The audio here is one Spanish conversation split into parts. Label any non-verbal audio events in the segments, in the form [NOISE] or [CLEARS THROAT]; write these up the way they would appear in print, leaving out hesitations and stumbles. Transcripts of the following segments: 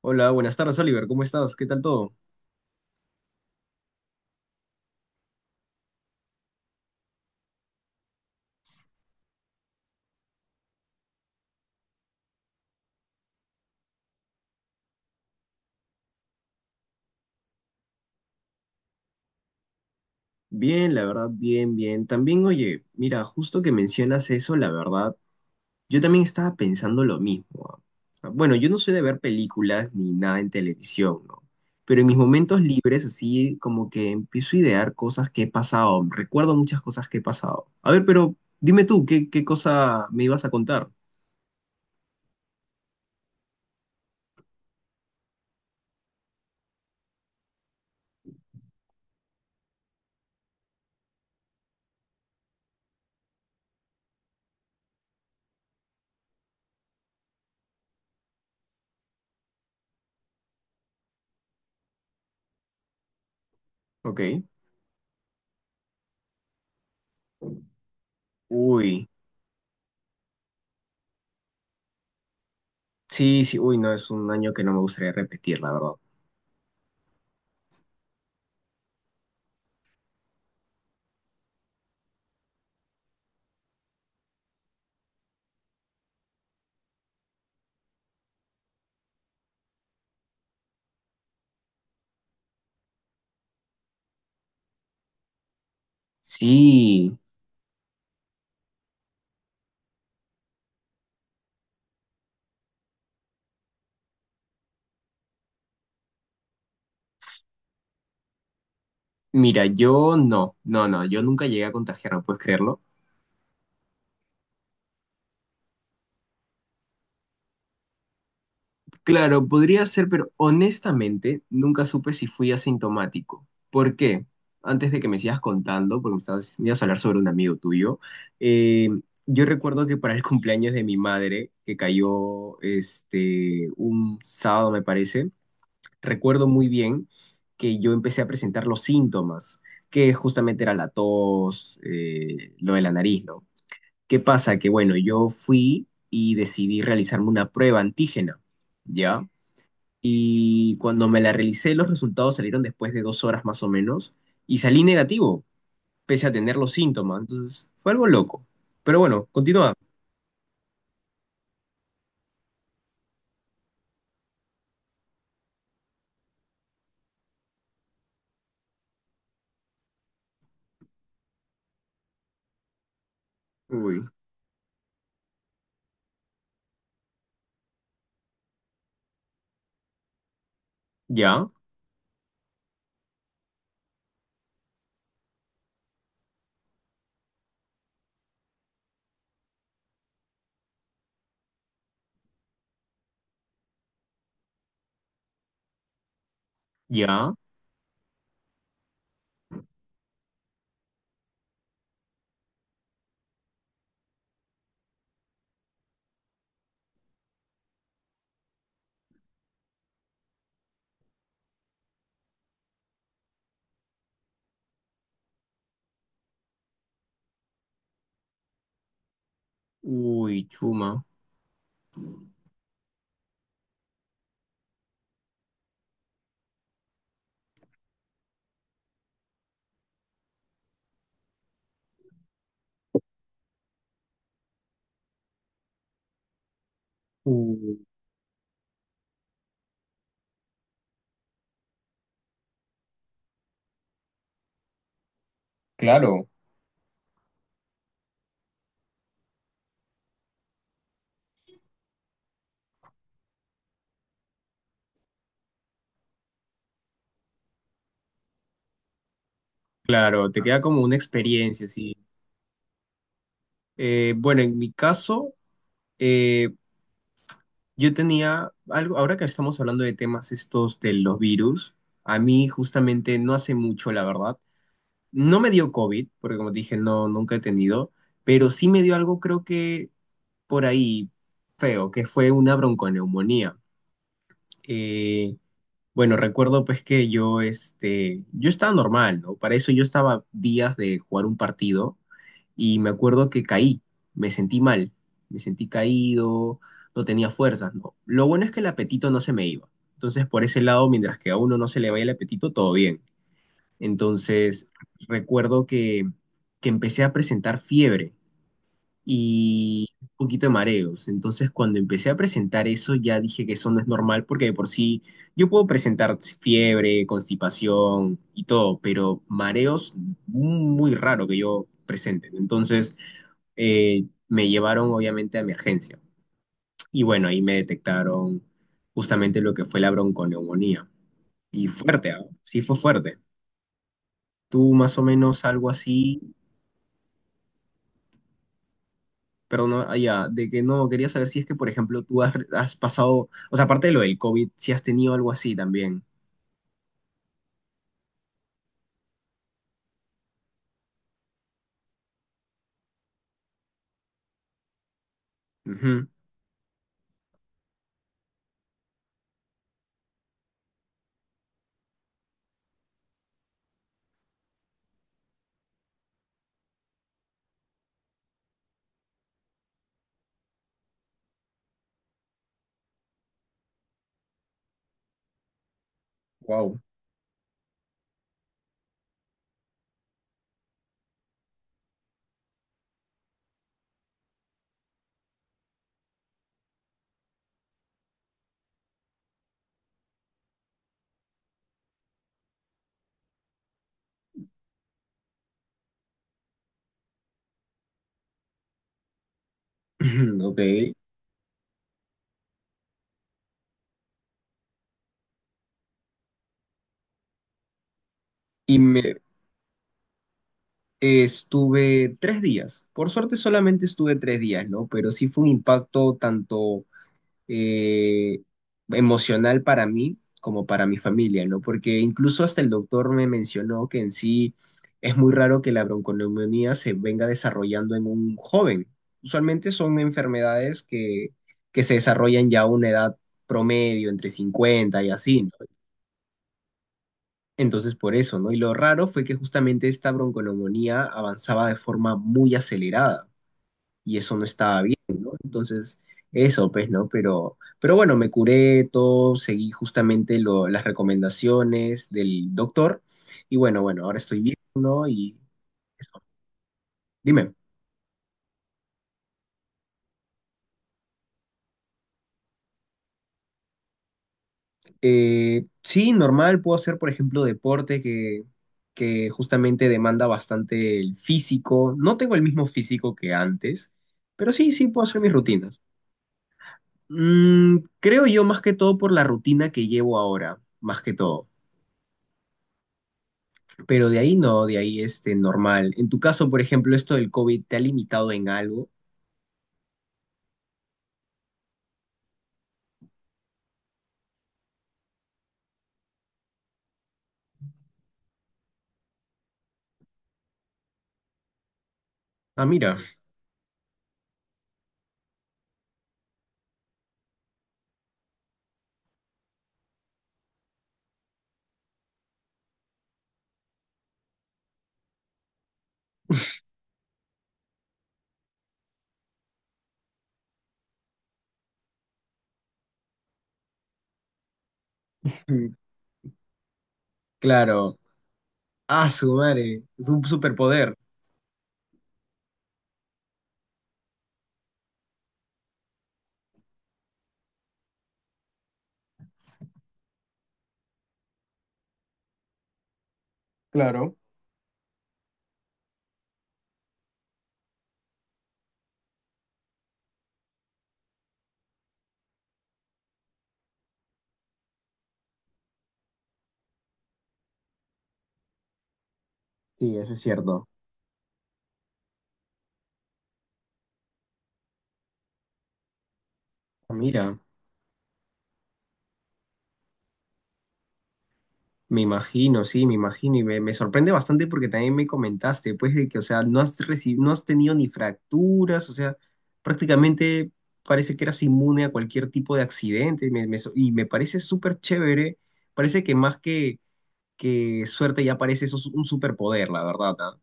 Hola, buenas tardes, Oliver. ¿Cómo estás? ¿Qué tal todo? Bien, la verdad, bien, bien. También, oye, mira, justo que mencionas eso, la verdad, yo también estaba pensando lo mismo. Ah. O sea, bueno, yo no soy de ver películas ni nada en televisión, ¿no? Pero en mis momentos libres, así como que empiezo a idear cosas que he pasado. Recuerdo muchas cosas que he pasado. A ver, pero dime tú, ¿qué cosa me ibas a contar? Ok. Uy, sí, sí, uy, no, es un año que no me gustaría repetir, la verdad. Sí. Mira, yo no, yo nunca llegué a contagiarme, ¿puedes creerlo? Claro, podría ser, pero honestamente nunca supe si fui asintomático. ¿Por qué? Antes de que me sigas contando, porque me estabas, me ibas a hablar sobre un amigo tuyo, eh, yo recuerdo que para el [LAUGHS] cumpleaños de mi madre, que cayó este, un sábado, me parece, recuerdo muy bien que yo empecé a presentar los síntomas, que justamente era la tos, lo de la nariz, ¿no? ¿Qué pasa? Que bueno, yo fui y decidí realizarme una prueba antígena, ¿ya? Y cuando me la realicé, los resultados salieron después de dos horas más o menos y salí negativo, pese a tener los síntomas. Entonces, fue algo loco. Pero bueno, continúa. Uy, ya, ya. Uy, chuma. Uy, claro, claro, te queda como una experiencia, sí. Bueno, en mi caso, eh, yo tenía algo, ahora que estamos hablando de temas estos de los virus, a mí justamente no hace mucho, la verdad. No me dio COVID, porque como te dije, no, nunca he tenido, pero sí me dio algo, creo que por ahí feo, que fue una bronconeumonía. Eh, bueno, recuerdo pues que yo, este, yo estaba normal, ¿no? Para eso yo estaba días de jugar un partido y me acuerdo que caí, me sentí mal, me sentí caído, no tenía fuerzas, ¿no? Lo bueno es que el apetito no se me iba. Entonces, por ese lado, mientras que a uno no se le vaya el apetito, todo bien. Entonces, recuerdo que empecé a presentar fiebre y un poquito de mareos. Entonces, cuando empecé a presentar eso, ya dije que eso no es normal porque de por sí yo puedo presentar fiebre, constipación y todo, pero mareos muy raro que yo presente. Entonces, me llevaron obviamente a emergencia. Y bueno, ahí me detectaron justamente lo que fue la bronconeumonía. Y fuerte, ¿ah? Sí fue fuerte. ¿Tú más o menos algo así perdón, ah, ya, de que no, quería saber si es que, por ejemplo, tú has, has pasado, o sea, aparte de lo del COVID, si has tenido algo así también. Wow. [LAUGHS] [CLEARS THROAT] Ok. Y me estuve 3 días. Por suerte solamente estuve 3 días, ¿no? Pero sí fue un impacto tanto eh, emocional para mí como para mi familia, ¿no? Porque incluso hasta el doctor me mencionó que en sí es muy raro que la bronconeumonía se venga desarrollando en un joven. Usualmente son enfermedades que se desarrollan ya a una edad promedio, entre 50 y así, ¿no? Entonces por eso, ¿no? Y lo raro fue que justamente esta bronconeumonía avanzaba de forma muy acelerada y eso no estaba bien, ¿no? Entonces, eso, pues, ¿no? Pero bueno, me curé todo, seguí justamente lo- las recomendaciones del doctor y bueno, bueno, ahora estoy bien, ¿no? Y eso. Dime, sí, normal, puedo hacer, por ejemplo, deporte que justamente demanda bastante el físico. No tengo el mismo físico que antes, pero sí, sí, puedo hacer mis rutinas. Mm, creo yo más que todo por la rutina que llevo ahora, más que todo. Pero de ahí no, de ahí este normal. En tu caso, por ejemplo, esto del COVID te ha limitado en algo. Ah, mira, [LAUGHS] claro. Ah, su madre, es un superpoder. Claro. Sí, eso es cierto. Ah, mira, me imagino, sí, me imagino y me sorprende bastante porque también me comentaste, pues, de que, o sea, no has reci- no has tenido ni fracturas, o sea, prácticamente parece que eras inmune a cualquier tipo de accidente me- me so- y me parece súper chévere. Parece que más que suerte ya parece eso un superpoder, la verdad, ¿ah?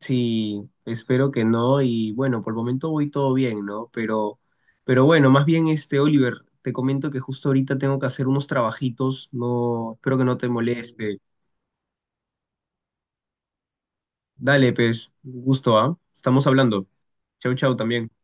Sí, espero que no y bueno, por el momento voy todo bien, ¿no? Pero bueno, más bien este, Oliver, te comento que justo ahorita tengo que hacer unos trabajitos, no, espero que no te moleste. Dale, pues, gusto, ¿ah? Estamos hablando. Chau, chau también.